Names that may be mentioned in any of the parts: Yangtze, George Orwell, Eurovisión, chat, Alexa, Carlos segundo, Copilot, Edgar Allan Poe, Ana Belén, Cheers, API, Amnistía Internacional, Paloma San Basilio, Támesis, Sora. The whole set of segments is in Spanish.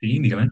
Sí, dígame.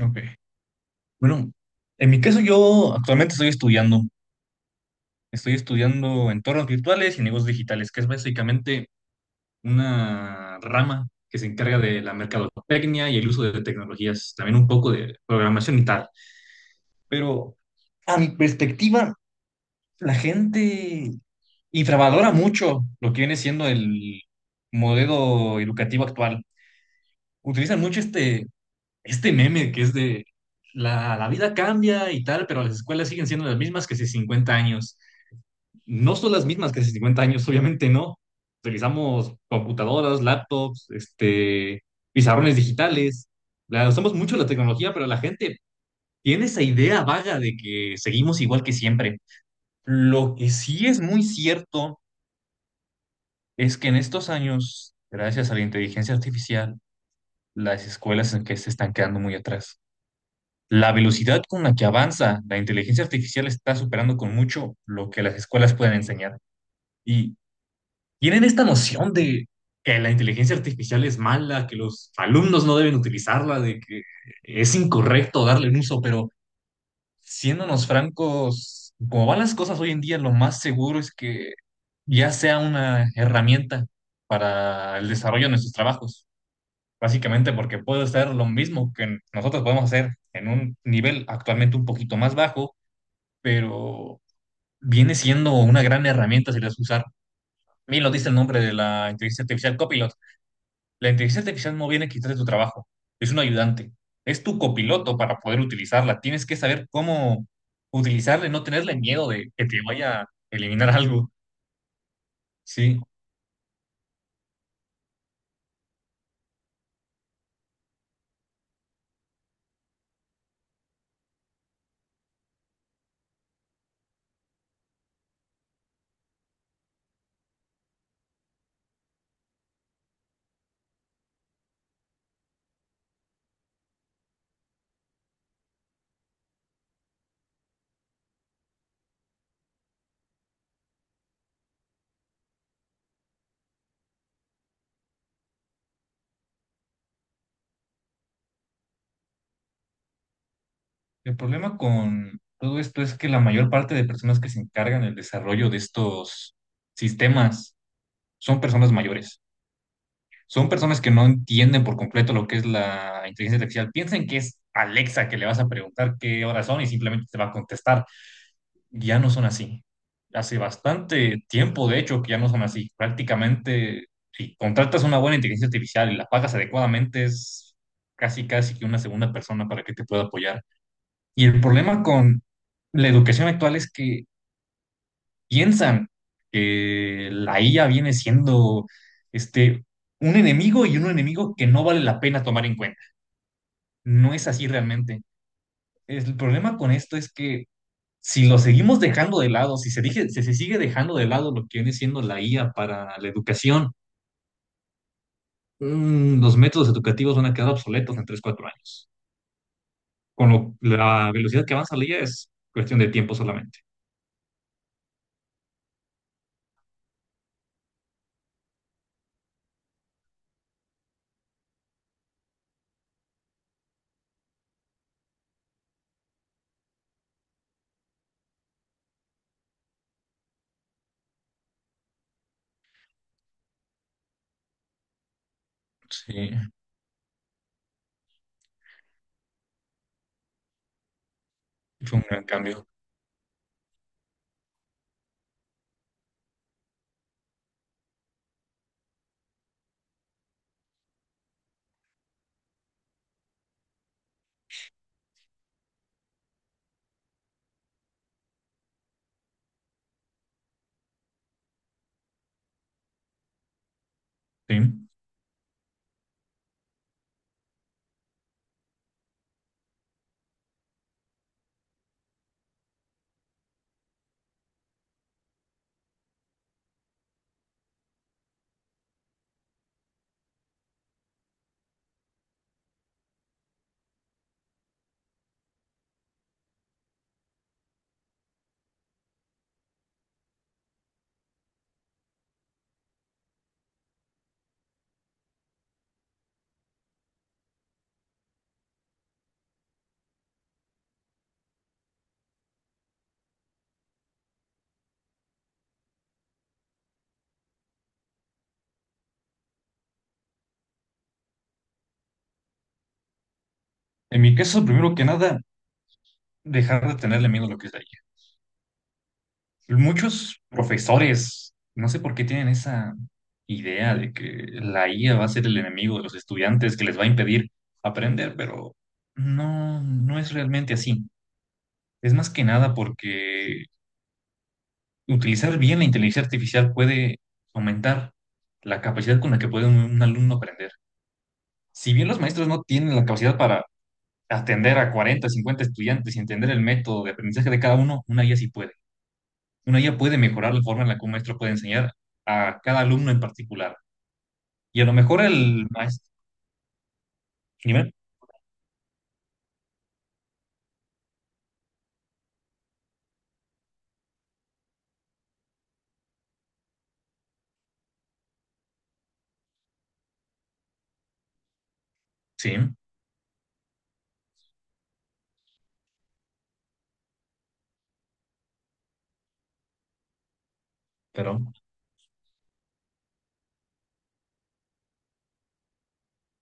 Ok. Bueno, en mi caso yo actualmente estoy estudiando entornos virtuales y negocios digitales, que es básicamente una rama que se encarga de la mercadotecnia y el uso de tecnologías, también un poco de programación y tal. Pero a mi perspectiva, la gente infravalora mucho lo que viene siendo el modelo educativo actual. Utilizan mucho este meme que es de la vida cambia y tal, pero las escuelas siguen siendo las mismas que hace 50 años. No son las mismas que hace 50 años, obviamente no. Utilizamos computadoras, laptops, este, pizarrones digitales. La, usamos mucho la tecnología, pero la gente tiene esa idea vaga de que seguimos igual que siempre. Lo que sí es muy cierto es que en estos años, gracias a la inteligencia artificial, las escuelas en que se están quedando muy atrás. La velocidad con la que avanza la inteligencia artificial está superando con mucho lo que las escuelas pueden enseñar. Y tienen esta noción de que la inteligencia artificial es mala, que los alumnos no deben utilizarla, de que es incorrecto darle un uso, pero siéndonos francos, como van las cosas hoy en día, lo más seguro es que ya sea una herramienta para el desarrollo de nuestros trabajos. Básicamente porque puede ser lo mismo que nosotros podemos hacer en un nivel actualmente un poquito más bajo, pero viene siendo una gran herramienta si la sabes usar. Mira, lo dice el nombre de la inteligencia artificial, Copilot. La inteligencia artificial no viene a quitarte tu trabajo, es un ayudante, es tu copiloto para poder utilizarla. Tienes que saber cómo utilizarla y no tenerle miedo de que te vaya a eliminar algo. Sí, el problema con todo esto es que la mayor parte de personas que se encargan del desarrollo de estos sistemas son personas mayores. Son personas que no entienden por completo lo que es la inteligencia artificial. Piensen que es Alexa, que le vas a preguntar qué horas son y simplemente te va a contestar. Ya no son así. Hace bastante tiempo, de hecho, que ya no son así. Prácticamente, si contratas una buena inteligencia artificial y la pagas adecuadamente, es casi, casi que una segunda persona para que te pueda apoyar. Y el problema con la educación actual es que piensan que la IA viene siendo este, un enemigo, y un enemigo que no vale la pena tomar en cuenta. No es así realmente. El problema con esto es que si lo seguimos dejando de lado, si se sigue dejando de lado lo que viene siendo la IA para la educación, los métodos educativos van a quedar obsoletos en tres cuatro años. Con la velocidad que avanza la IA es cuestión de tiempo solamente. Sí, fue un gran cambio. Sí. En mi caso, primero que nada, dejar de tenerle miedo a lo que es la I A. Muchos profesores, no sé por qué tienen esa idea de que la IA va a ser el enemigo de los estudiantes, que les va a impedir aprender, pero no, no es realmente así. Es más que nada porque utilizar bien la inteligencia artificial puede aumentar la capacidad con la que puede un alumno aprender. Si bien los maestros no tienen la capacidad para atender a 40 50 estudiantes y entender el método de aprendizaje de cada uno, una IA sí puede. Una IA puede mejorar la forma en la que un maestro puede enseñar a cada alumno en particular. Y a lo mejor el maestro. Dime. Sí, pero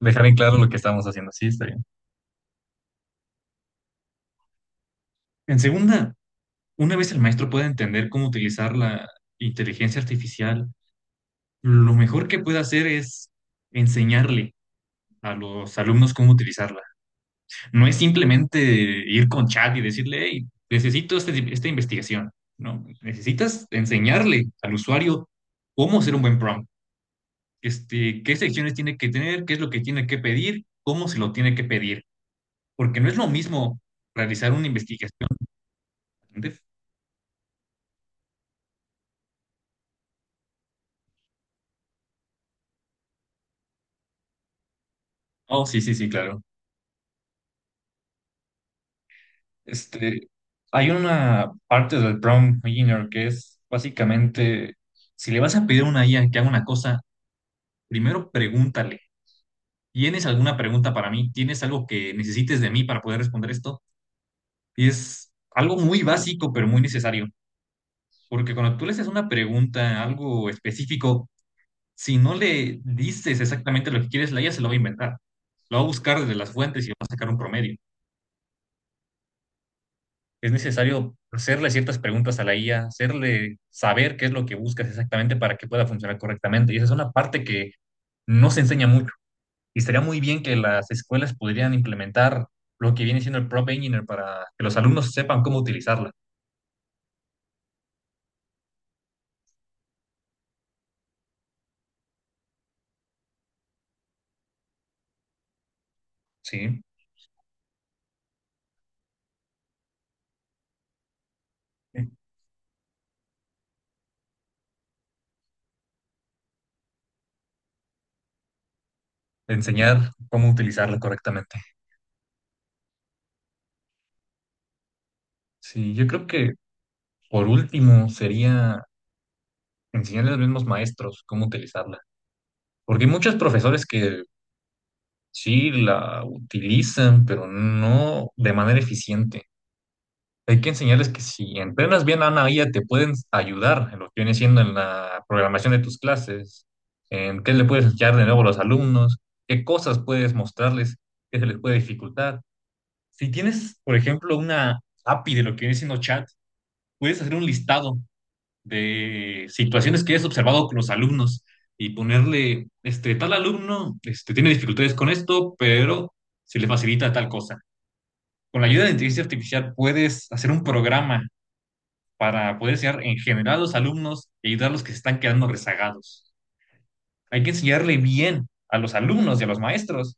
dejar en claro lo que estamos haciendo. Sí, está bien. En segunda, una vez el maestro pueda entender cómo utilizar la inteligencia artificial, lo mejor que puede hacer es enseñarle a los alumnos cómo utilizarla. No es simplemente ir con chat y decirle, hey, necesito esta investigación. No, necesitas enseñarle al usuario cómo hacer un buen prompt, este, qué secciones tiene que tener, qué es lo que tiene que pedir, cómo se lo tiene que pedir. Porque no es lo mismo realizar una investigación. ¿Entiendes? Oh, sí, sí, sí, claro. Este, hay una parte del prompt engineer que es básicamente, si le vas a pedir a una IA que haga una cosa, primero pregúntale, ¿tienes alguna pregunta para mí? ¿Tienes algo que necesites de mí para poder responder esto? Y es algo muy básico, pero muy necesario. Porque cuando tú le haces una pregunta, algo específico, si no le dices exactamente lo que quieres, la IA se lo va a inventar. Lo va a buscar desde las fuentes y va a sacar un promedio. Es necesario hacerle ciertas preguntas a la IA, hacerle saber qué es lo que buscas exactamente para que pueda funcionar correctamente. Y esa es una parte que no se enseña mucho. Y estaría muy bien que las escuelas pudieran implementar lo que viene siendo el prompt engineer para que los alumnos sepan cómo utilizarla, ¿sí? Enseñar cómo utilizarla correctamente. Sí, yo creo que por último sería enseñarle a los mismos maestros cómo utilizarla. Porque hay muchos profesores que sí la utilizan, pero no de manera eficiente. Hay que enseñarles que si entrenas bien a una IA, te pueden ayudar en lo que viene siendo en la programación de tus clases, en qué le puedes enseñar de nuevo a los alumnos, qué cosas puedes mostrarles, qué se les puede dificultar. Si tienes, por ejemplo, una API de lo que viene siendo chat, puedes hacer un listado de situaciones que hayas observado con los alumnos y ponerle, este, tal alumno, este, tiene dificultades con esto, pero se le facilita tal cosa. Con la ayuda de inteligencia artificial puedes hacer un programa para poder enseñar en general a los alumnos y ayudar a los que se están quedando rezagados. Hay que enseñarle bien a los alumnos y a los maestros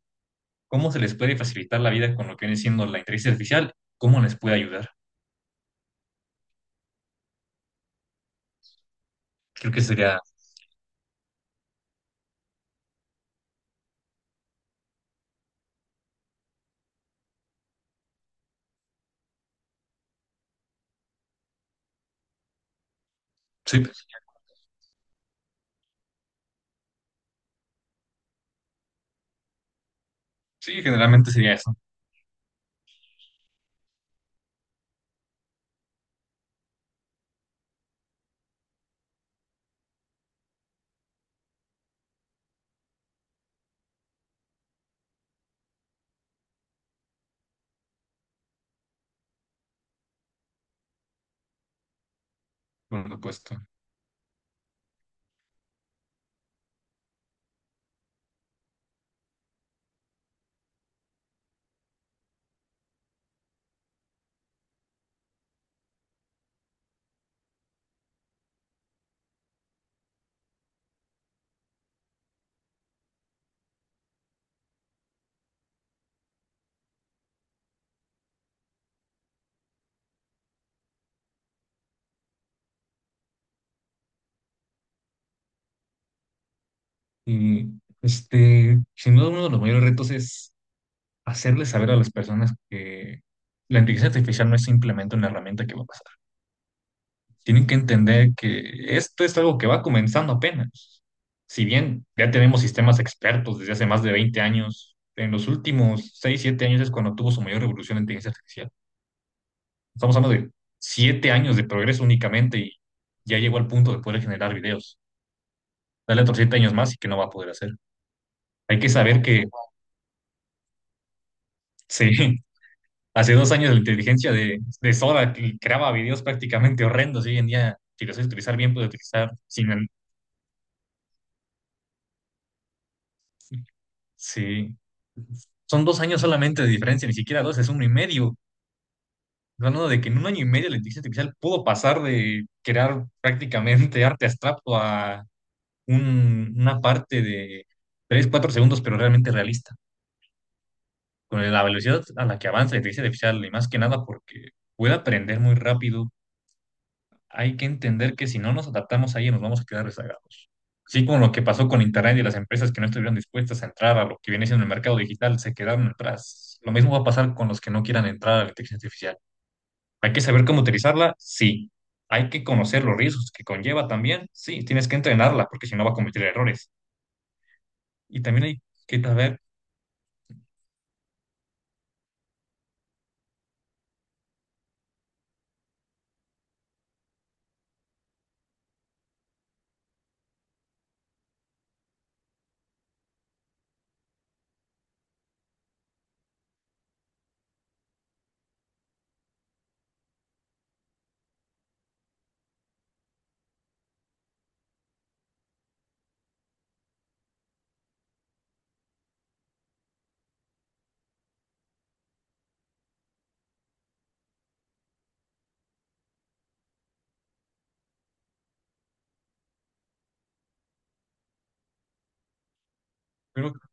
cómo se les puede facilitar la vida con lo que viene siendo la inteligencia artificial, cómo les puede ayudar. Creo que sería, sí, sí, generalmente sería eso, por supuesto. Y este, sin duda uno de los mayores retos es hacerles saber a las personas que la inteligencia artificial no es simplemente una herramienta que va a pasar. Tienen que entender que esto es algo que va comenzando apenas. Si bien ya tenemos sistemas expertos desde hace más de 20 años, en los últimos 6 7 años es cuando tuvo su mayor revolución la inteligencia artificial. Estamos hablando de 7 años de progreso únicamente y ya llegó al punto de poder generar videos. Dale otros 7 años más y que no va a poder hacer. Hay que saber que sí, hace 2 años la inteligencia de Sora que creaba videos prácticamente horrendos y hoy en día, si lo sabes utilizar bien, puedes utilizar sin. Sí, son 2 años solamente de diferencia, ni siquiera dos, es uno y medio. Hablando de que en un año y medio la inteligencia artificial pudo pasar de crear prácticamente arte abstracto a una parte de 3 4 segundos, pero realmente realista. Con la velocidad a la que avanza la inteligencia artificial, y más que nada porque puede aprender muy rápido, hay que entender que si no nos adaptamos ahí nos vamos a quedar rezagados. Sí, como lo que pasó con Internet y las empresas que no estuvieron dispuestas a entrar a lo que viene siendo el mercado digital se quedaron atrás. Lo mismo va a pasar con los que no quieran entrar a la inteligencia artificial. ¿Hay que saber cómo utilizarla? Sí. ¿Hay que conocer los riesgos que conlleva también? Sí, tienes que entrenarla porque si no va a cometer errores. Y también hay que saber, creo